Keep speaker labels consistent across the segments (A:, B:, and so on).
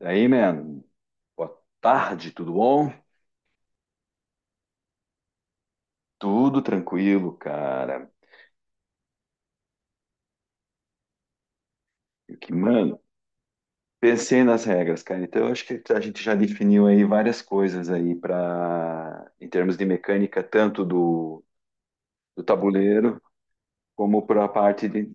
A: E aí, mano, boa tarde, tudo bom? Tudo tranquilo, cara. Eu Que, mano, pensei nas regras, cara. Então, eu acho que a gente já definiu aí várias coisas aí para em termos de mecânica, tanto do tabuleiro como para a parte de.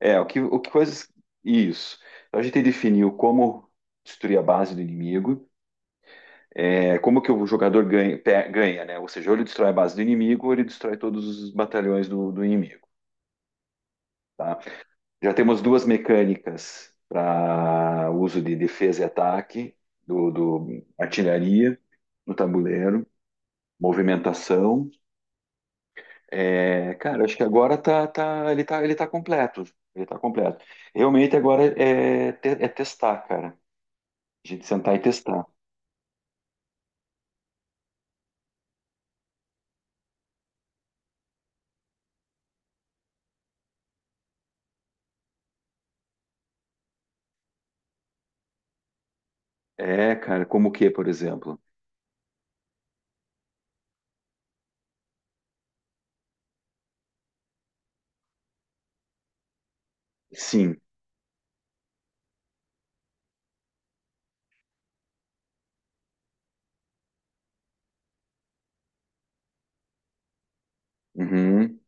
A: É, o que coisas. Isso. Então, a gente definiu como destruir a base do inimigo, é, como que o jogador ganha, ganha, né? Ou seja, ou ele destrói a base do inimigo, ou ele destrói todos os batalhões do inimigo. Tá? Já temos duas mecânicas para uso de defesa e ataque do artilharia no tabuleiro, movimentação. É, cara, acho que agora ele tá completo. Ele tá completo. Realmente agora é, é testar, cara. A gente sentar e testar. É, cara, como o que, por exemplo? Sim. Uhum.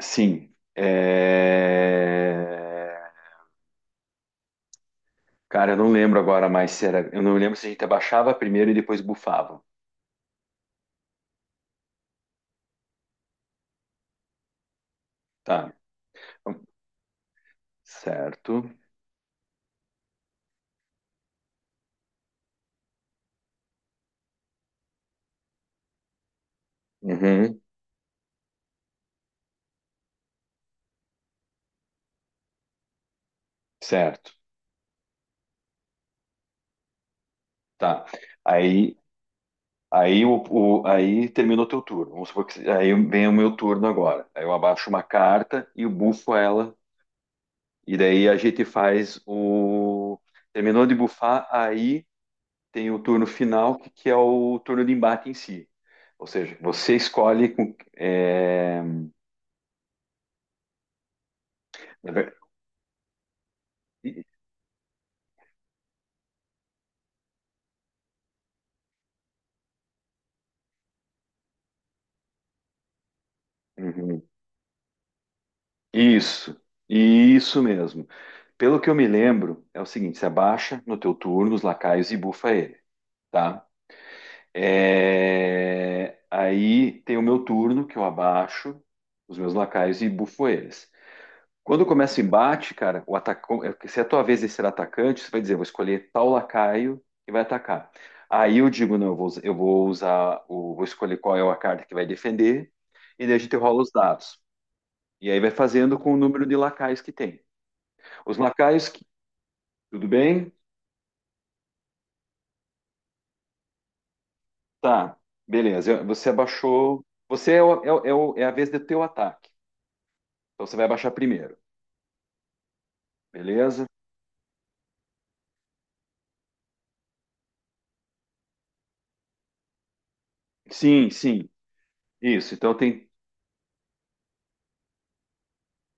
A: Sim. É... Cara, eu não lembro agora mais se era. Eu não lembro se a gente abaixava primeiro e depois bufava. Tá. Certo. Uhum. Certo. Tá. Aí, aí, o, aí terminou teu turno. Vamos supor que aí vem o meu turno agora. Aí eu abaixo uma carta e eu bufo ela. E daí a gente faz o. Terminou de bufar, aí tem o turno final, que é o turno de embate em si. Ou seja, você escolhe com. É... na ver- Uhum. Isso, isso mesmo. Pelo que eu me lembro, é o seguinte: você abaixa no teu turno os lacaios e bufa ele, tá? É, aí tem o meu turno, que eu abaixo os meus lacaios e bufo eles. Quando começa o embate, cara, o atacão, é, se é a tua vez de ser atacante, você vai dizer, vou escolher tal lacaio e vai atacar. Aí eu digo, não, eu vou usar, vou escolher qual é a carta que vai defender, e daí a gente rola os dados. E aí vai fazendo com o número de lacaios que tem. Os lacaios, que- Tudo bem? Tá, beleza. Você abaixou. Você é, é a vez do teu ataque. Então você vai abaixar primeiro, beleza? Sim, sim. Isso. Então tem.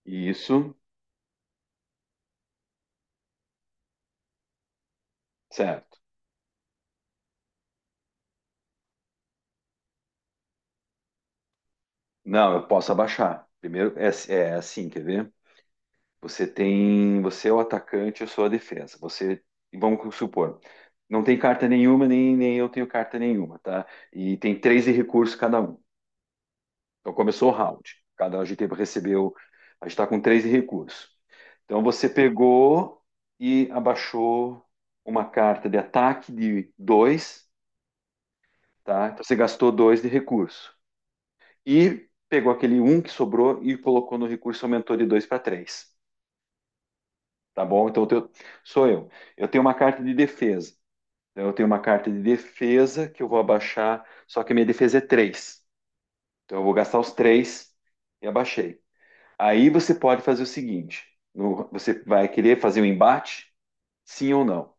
A: Isso, certo. Não, eu posso abaixar. Primeiro é, é assim, quer ver? Você tem. Você é o atacante, eu sou a defesa. Você. Vamos supor. Não tem carta nenhuma, nem eu tenho carta nenhuma, tá? E tem três de recurso cada um. Então começou o round. Cada GT recebeu. A gente está com três recursos. Então você pegou e abaixou uma carta de ataque de dois, tá? Então você gastou dois de recurso. E pegou aquele um que sobrou e colocou no recurso, aumentou de dois para três. Tá bom? Então eu sou eu. Eu tenho uma carta de defesa. Então, eu tenho uma carta de defesa que eu vou abaixar, só que a minha defesa é 3. Então eu vou gastar os 3 e abaixei. Aí você pode fazer o seguinte: você vai querer fazer um embate? Sim ou não?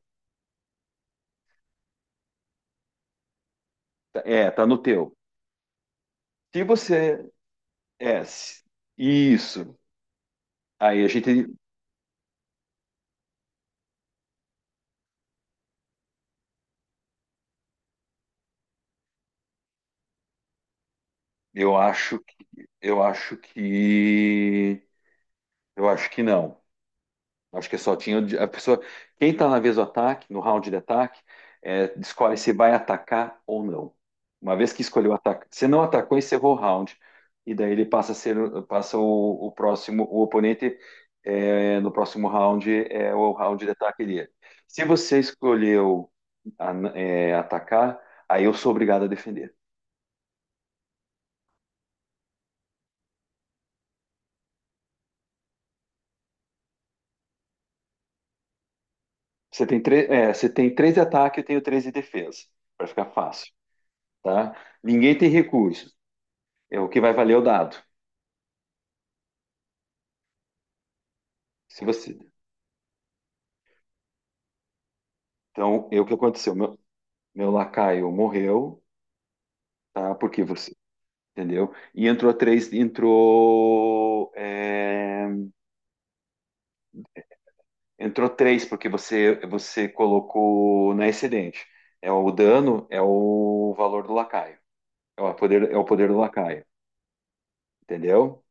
A: É, tá no teu. Se você é se- Isso, aí a gente, eu acho, eu acho que, eu acho que não. Acho que só tinha o a pessoa. Quem está na vez do ataque, no round de ataque, é, escolhe se vai atacar ou não. Uma vez que escolheu atacar, se não atacou, encerrou o round. E daí ele passa a ser, passa o próximo, o oponente é, no próximo round é o round de ataque dele. Se você escolheu é, atacar, aí eu sou obrigado a defender. Você tem três, é, você tem três de ataque, eu tenho três de defesa, para ficar fácil, tá? Ninguém tem recursos. É o que vai valer é o dado. Se você, Então, eu o que aconteceu? Meu lacaio morreu, tá? Porque você, entendeu? E entrou três, entrou três porque você colocou na excedente. É o dano, é o valor do lacaio, é o poder do lacaio, entendeu?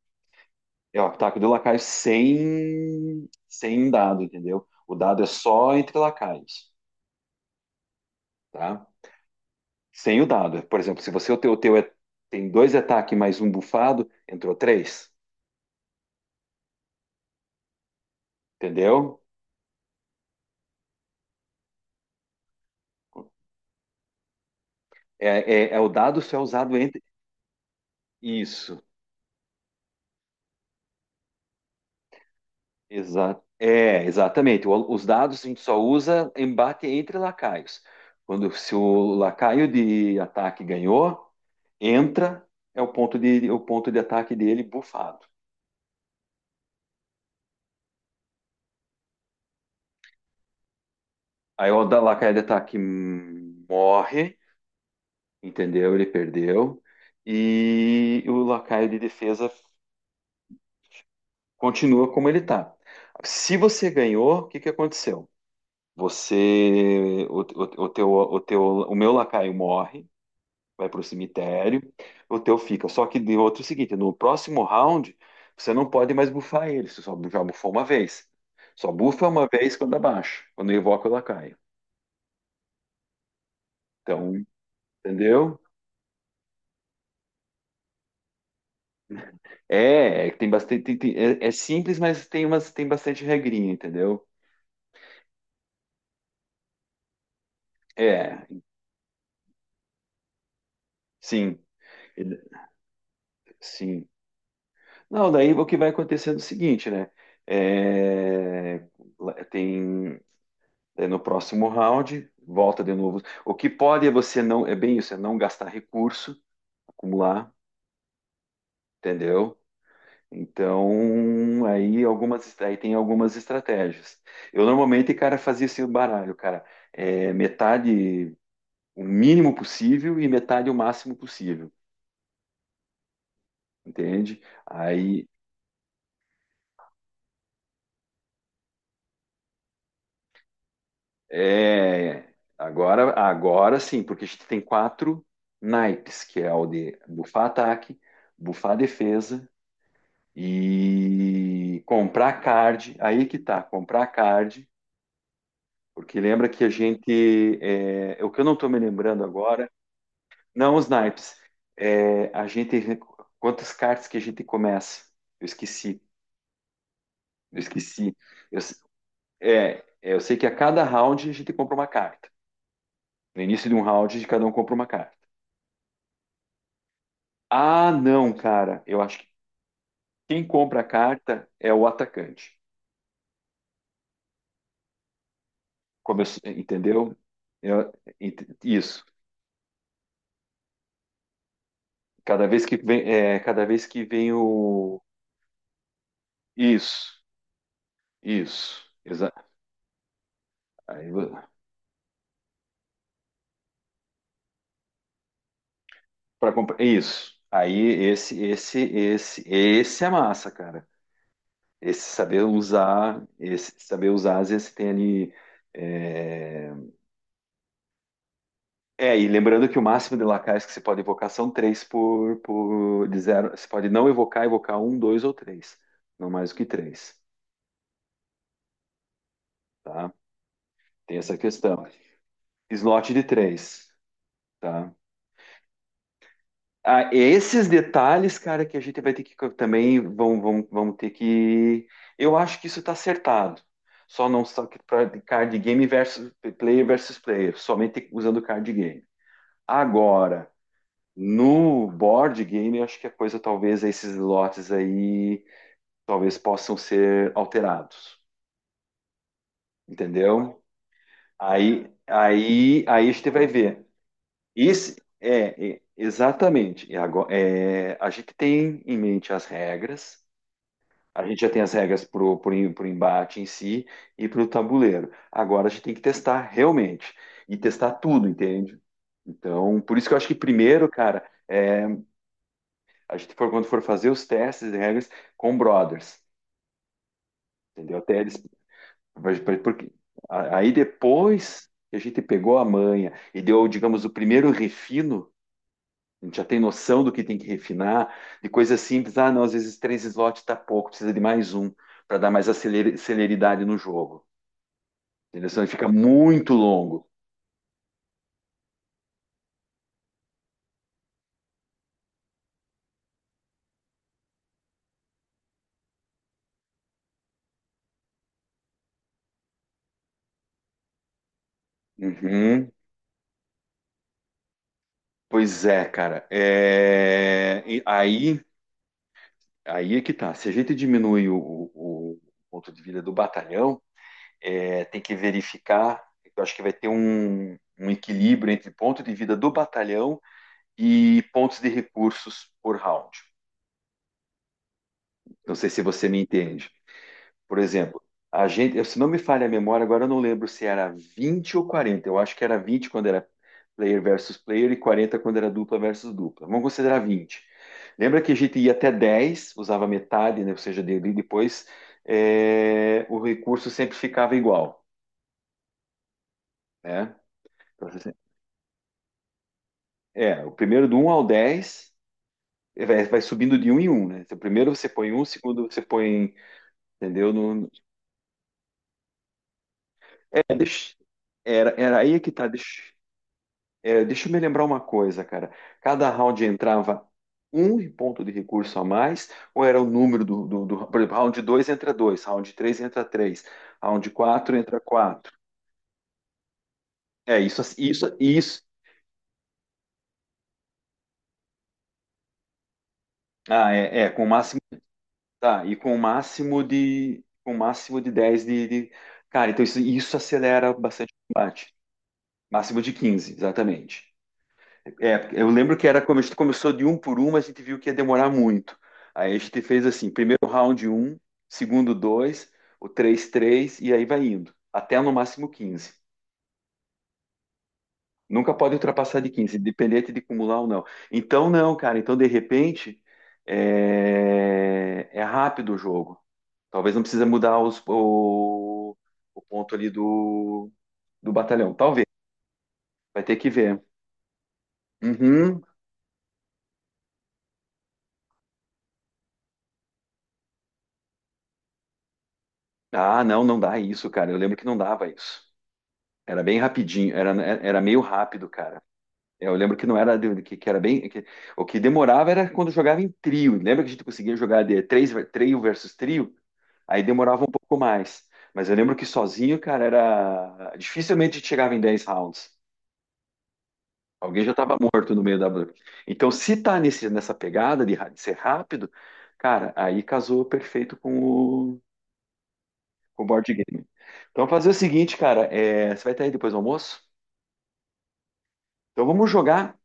A: É o ataque do lacaio sem dado, entendeu? O dado é só entre lacaios, tá? Sem o dado. Por exemplo, se você o teu tem dois ataques mais um bufado, entrou três. Entendeu? É, é o dado só é usado entre. Isso. É, exatamente. O- os dados a gente só usa embate entre lacaios. Quando se o lacaio de ataque ganhou, entra, é o ponto de ataque dele bufado. Aí o da lacaio de ataque morre, entendeu? Ele perdeu. E o lacaio de defesa continua como ele está. Se você ganhou, o que que aconteceu? Você, o teu, o teu, o meu lacaio morre, vai para o cemitério, o teu fica. Só que de outro é o seguinte, no próximo round você não pode mais bufar ele, você só já bufou uma vez. Só bufa uma vez quando abaixa, quando evoca o lacaio. Então, entendeu? É, é que tem bastante, é, é simples, mas tem umas, tem bastante regrinha, entendeu? É, sim, ele- sim. Não, daí o que vai acontecer é o seguinte, né? É, tem é, no próximo round, volta de novo. O que pode é você não, é bem isso, é não gastar recurso, acumular, entendeu? Então, aí algumas, aí tem algumas estratégias. Eu normalmente, cara, fazia esse baralho, cara, é, metade o mínimo possível e metade o máximo possível, entende? Aí é, agora, agora sim, porque a gente tem quatro naipes, que é o de bufar ataque, bufar defesa e comprar card. Aí que tá, comprar card, porque lembra que a gente, é, é o que eu não tô me lembrando agora, não os naipes, é, a gente, quantas cartas que a gente começa? Eu esqueci, eu esqueci. Eu, eu sei que a cada round a gente compra uma carta. No início de um round, de cada um compra uma carta. Ah, não, cara. Eu acho que quem compra a carta é o atacante. Como eu s- entendeu? Eu- ent- Isso. Cada vez que vem o isso, isso, aí, para comprar isso. Aí esse é massa, cara. Esse saber usar, às vezes tem ali é, é, e lembrando que o máximo de lacaios que você pode evocar são três por de zero. Você pode não evocar, evocar um, dois ou três. Não mais do que três, tá? Tem essa questão. Slot de três, tá? Ah, esses detalhes, cara, que a gente vai ter que também vão ter que. Eu acho que isso tá acertado. Só não só que pra card game versus player, somente usando card game. Agora, no board game, eu acho que a coisa talvez esses lotes aí talvez possam ser alterados, entendeu? Aí a gente vai ver. Isso é, é, exatamente. E agora, é, a gente tem em mente as regras. A gente já tem as regras para o embate em si e para o tabuleiro. Agora a gente tem que testar realmente e testar tudo, entende? Então, por isso que eu acho que primeiro, cara, é, a gente for, quando for fazer os testes de regras com brothers, entendeu? Até eles. Porque, aí depois que a gente pegou a manha e deu, digamos, o primeiro refino, a gente já tem noção do que tem que refinar, de coisas simples. Ah, não, às vezes três slots está pouco, precisa de mais um para dar mais celeridade no jogo. Entendeu? Senão ele fica muito longo. Uhum. Pois é, cara. É, e aí é que tá. Se a gente diminui o ponto de vida do batalhão, é, tem que verificar. Eu acho que vai ter um, um equilíbrio entre ponto de vida do batalhão e pontos de recursos por round. Não sei se você me entende. Por exemplo, a gente, se não me falha a memória, agora eu não lembro se era 20 ou 40. Eu acho que era 20 quando era player versus player e 40 quando era dupla versus dupla. Vamos considerar 20. Lembra que a gente ia até 10 usava metade, né? Ou seja, depois é, o recurso sempre ficava igual. Né? Então, é, o primeiro do um ao 10 eh, vai, vai subindo de um em um, né? Então, primeiro você põe um, segundo você põe, entendeu? É, deixa, era, era aí é que tá, deixa eu me lembrar uma coisa, cara. Cada round entrava um ponto de recurso a mais, ou era o número por exemplo, round 2 entra 2, round 3 entra 3, round 4 entra 4. É, isso. Ah, é, é, com o máximo. Tá, e com o máximo de, com o máximo de 10 cara, então isso acelera bastante o combate. Máximo de 15 exatamente. É, eu lembro que era como a gente começou de um por um, mas a gente viu que ia demorar muito. Aí a gente fez assim, primeiro round um, segundo dois, o 3 3 e aí vai indo, até no máximo 15. Nunca pode ultrapassar de 15 independente de acumular ou não. Então não, cara, então de repente é, é rápido o jogo. Talvez não precisa mudar o ponto ali do batalhão. Talvez. Vai ter que ver. Uhum. Ah, não, não dá isso, cara. Eu lembro que não dava isso. Era bem rapidinho, era, era meio rápido, cara. Eu lembro que não era de- que era bem. O que demorava era quando jogava em trio. Lembra que a gente conseguia jogar de três, trio versus trio? Aí demorava um pouco mais. Mas eu lembro que sozinho, cara, era. Dificilmente a gente chegava em 10 rounds. Alguém já estava morto no meio da. Então, se tá nesse, nessa pegada de, de ser rápido, cara, aí casou perfeito com com o board game. Então, fazer o seguinte, cara, é, você vai estar aí depois do almoço? Então, vamos jogar,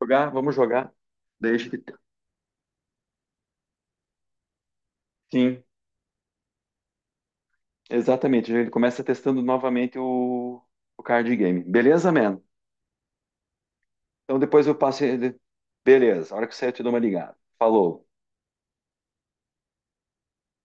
A: jogar, vamos jogar. Daí a gente... Sim, exatamente. Ele começa testando novamente o card game. Beleza, man? Então, depois eu passo. Beleza, a hora que você eu te dou uma ligada. Falou.